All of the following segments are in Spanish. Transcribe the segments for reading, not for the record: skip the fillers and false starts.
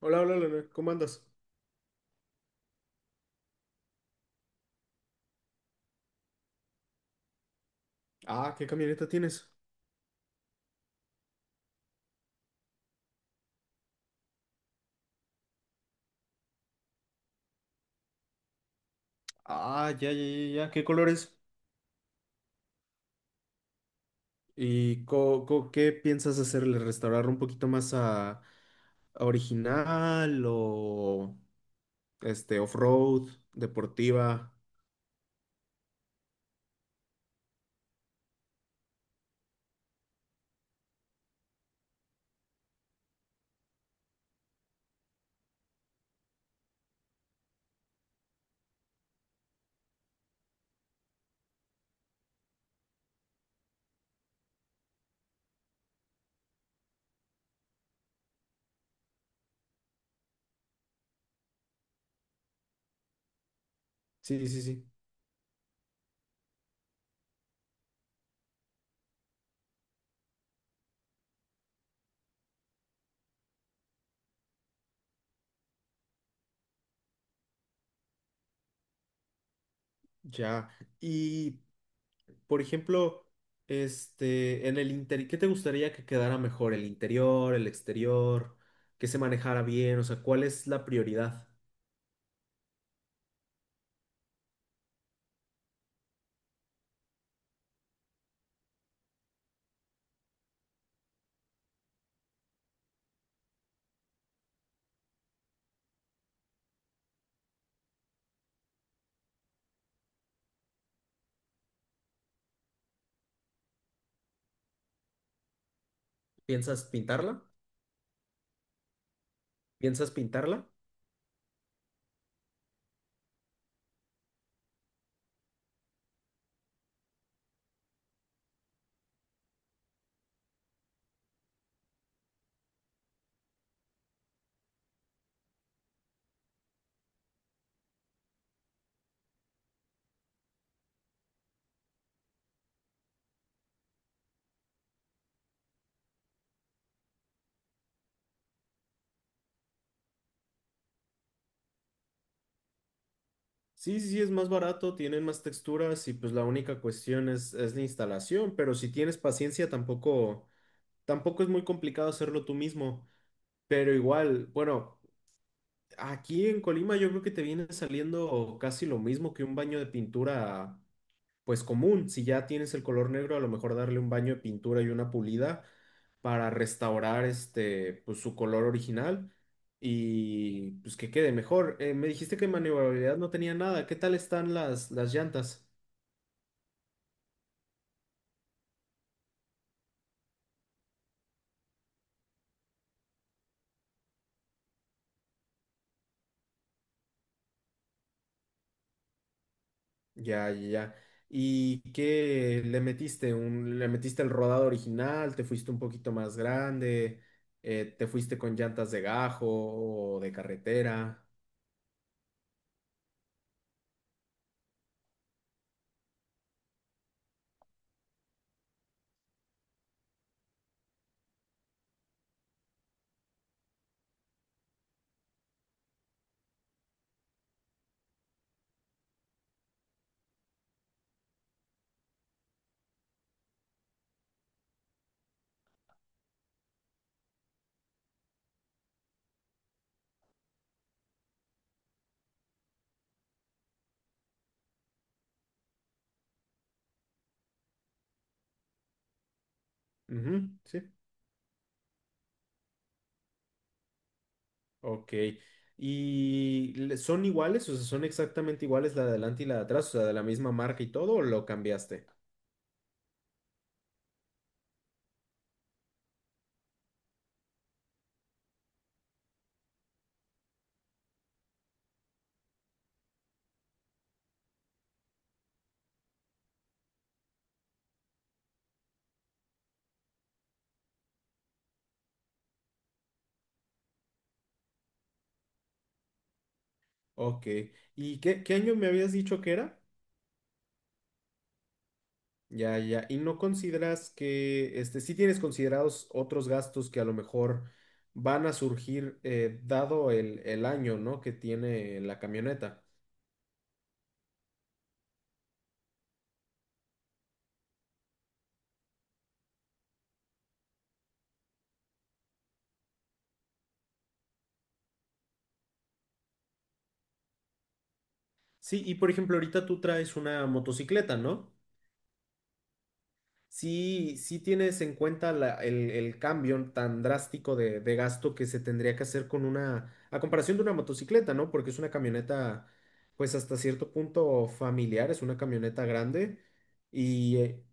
Hola, hola, Leonel, ¿cómo andas? Ah, ¿qué camioneta tienes? Ah, ya, ya, ya, ya. ¿Qué colores? ¿Y qué piensas hacerle? ¿Restaurar un poquito más a original o este off-road, deportiva? Sí, sí, sí, ya. Y, por ejemplo, este, en el interior, ¿qué te gustaría que quedara mejor? ¿El interior, el exterior? ¿Que se manejara bien? O sea, ¿cuál es la prioridad? ¿Piensas pintarla? ¿Piensas pintarla? Sí, sí, sí, es más barato, tienen más texturas y pues la única cuestión es la instalación, pero si tienes paciencia tampoco, tampoco es muy complicado hacerlo tú mismo, pero igual, bueno, aquí en Colima yo creo que te viene saliendo casi lo mismo que un baño de pintura pues común. Si ya tienes el color negro, a lo mejor darle un baño de pintura y una pulida para restaurar este, pues su color original y pues que quede mejor. Me dijiste que maniobrabilidad no tenía nada. ¿Qué tal están las llantas? Ya, ya, ya. ¿Y qué le metiste? Un, ¿le metiste el rodado original? ¿Te fuiste un poquito más grande? ¿Te fuiste con llantas de gajo o de carretera? Ujú, sí. Ok. ¿Y son iguales? O sea, ¿son exactamente iguales la de adelante y la de atrás? O sea, de la misma marca y todo, ¿o lo cambiaste? Ok. ¿Y qué, qué año me habías dicho que era? Ya, ya. ¿Y no consideras que, este, sí tienes considerados otros gastos que a lo mejor van a surgir dado el año, ¿no? que tiene la camioneta? Sí, y por ejemplo, ahorita tú traes una motocicleta, ¿no? Sí, sí tienes en cuenta el cambio tan drástico de gasto que se tendría que hacer con una, a comparación de una motocicleta, ¿no? Porque es una camioneta, pues hasta cierto punto familiar, es una camioneta grande y,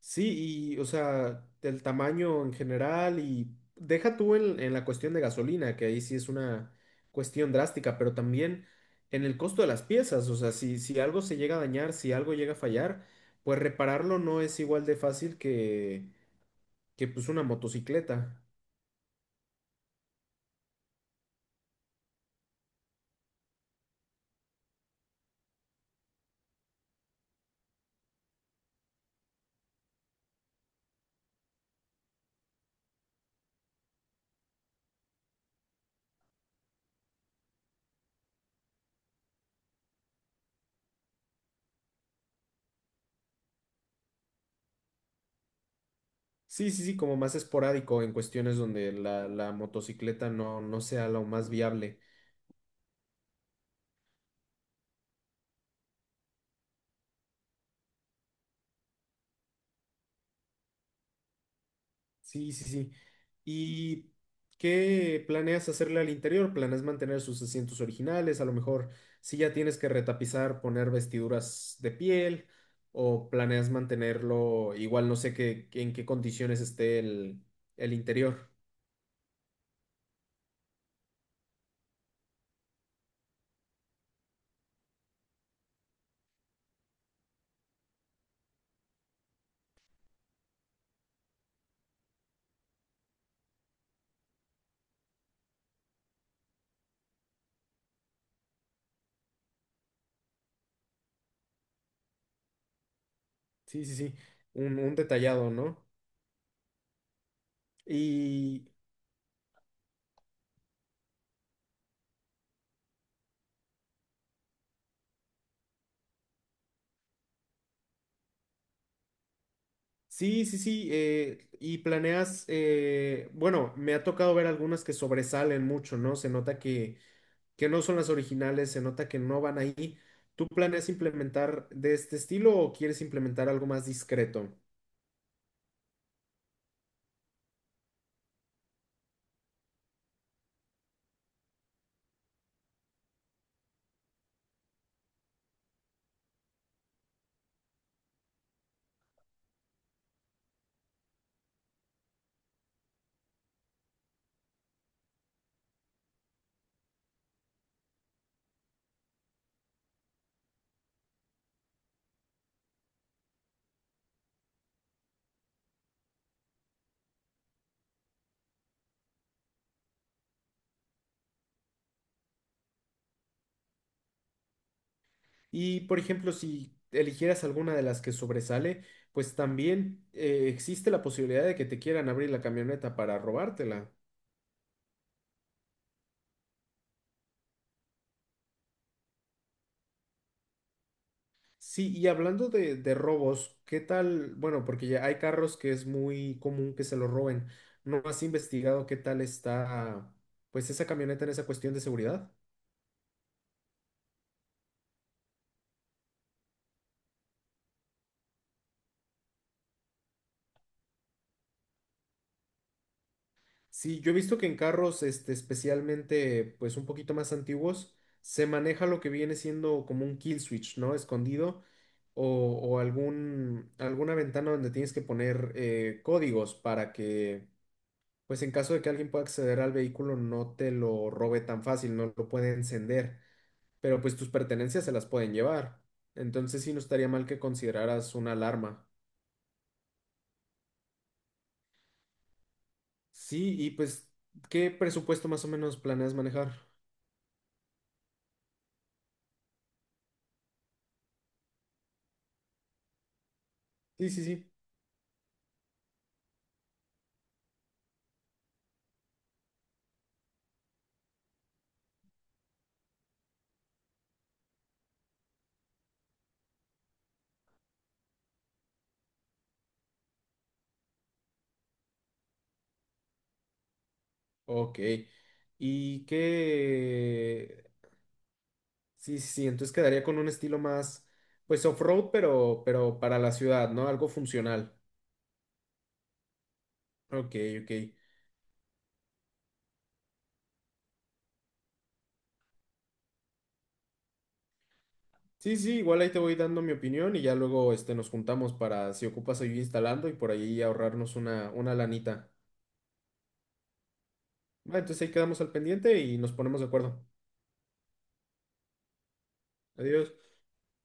sí, y o sea, el tamaño en general y deja tú en la cuestión de gasolina, que ahí sí es una cuestión drástica, pero también en el costo de las piezas, o sea, si, si algo se llega a dañar, si algo llega a fallar, pues repararlo no es igual de fácil que pues una motocicleta. Sí, sí, sí, como más esporádico en cuestiones donde la motocicleta no, no sea lo más viable. Sí, sí, sí. ¿Y qué planeas hacerle al interior? ¿Planeas mantener sus asientos originales? A lo mejor si ya tienes que retapizar, poner vestiduras de piel, o planeas mantenerlo igual, no sé qué, en qué condiciones esté el interior. Sí, sí, sí. Un detallado, ¿no? Y sí, sí, sí. Y planeas, bueno, me ha tocado ver algunas que sobresalen mucho, ¿no? Se nota que no son las originales, se nota que no van ahí. ¿Tú planeas implementar de este estilo o quieres implementar algo más discreto? Y, por ejemplo, si eligieras alguna de las que sobresale, pues también existe la posibilidad de que te quieran abrir la camioneta para robártela. Sí, y hablando de robos, ¿qué tal? Bueno, porque ya hay carros que es muy común que se los roben. ¿No has investigado qué tal está, pues, esa camioneta en esa cuestión de seguridad? Sí, yo he visto que en carros, este, especialmente, pues un poquito más antiguos, se maneja lo que viene siendo como un kill switch, ¿no? Escondido o, o algún, alguna ventana donde tienes que poner códigos para que, pues en caso de que alguien pueda acceder al vehículo, no te lo robe tan fácil, no lo puede encender, pero pues tus pertenencias se las pueden llevar. Entonces sí, no estaría mal que consideraras una alarma. Sí, y pues, ¿qué presupuesto más o menos planeas manejar? Sí, sí, sí. Ok. Y que... Sí, sí, sí, entonces quedaría con un estilo más, pues off-road, pero para la ciudad, ¿no? Algo funcional. Ok, ok. Sí, sí, igual ahí te voy dando mi opinión y ya luego este, nos juntamos para, si ocupas, ir instalando y por ahí ahorrarnos una lanita. Va, entonces ahí quedamos al pendiente y nos ponemos de acuerdo. Adiós.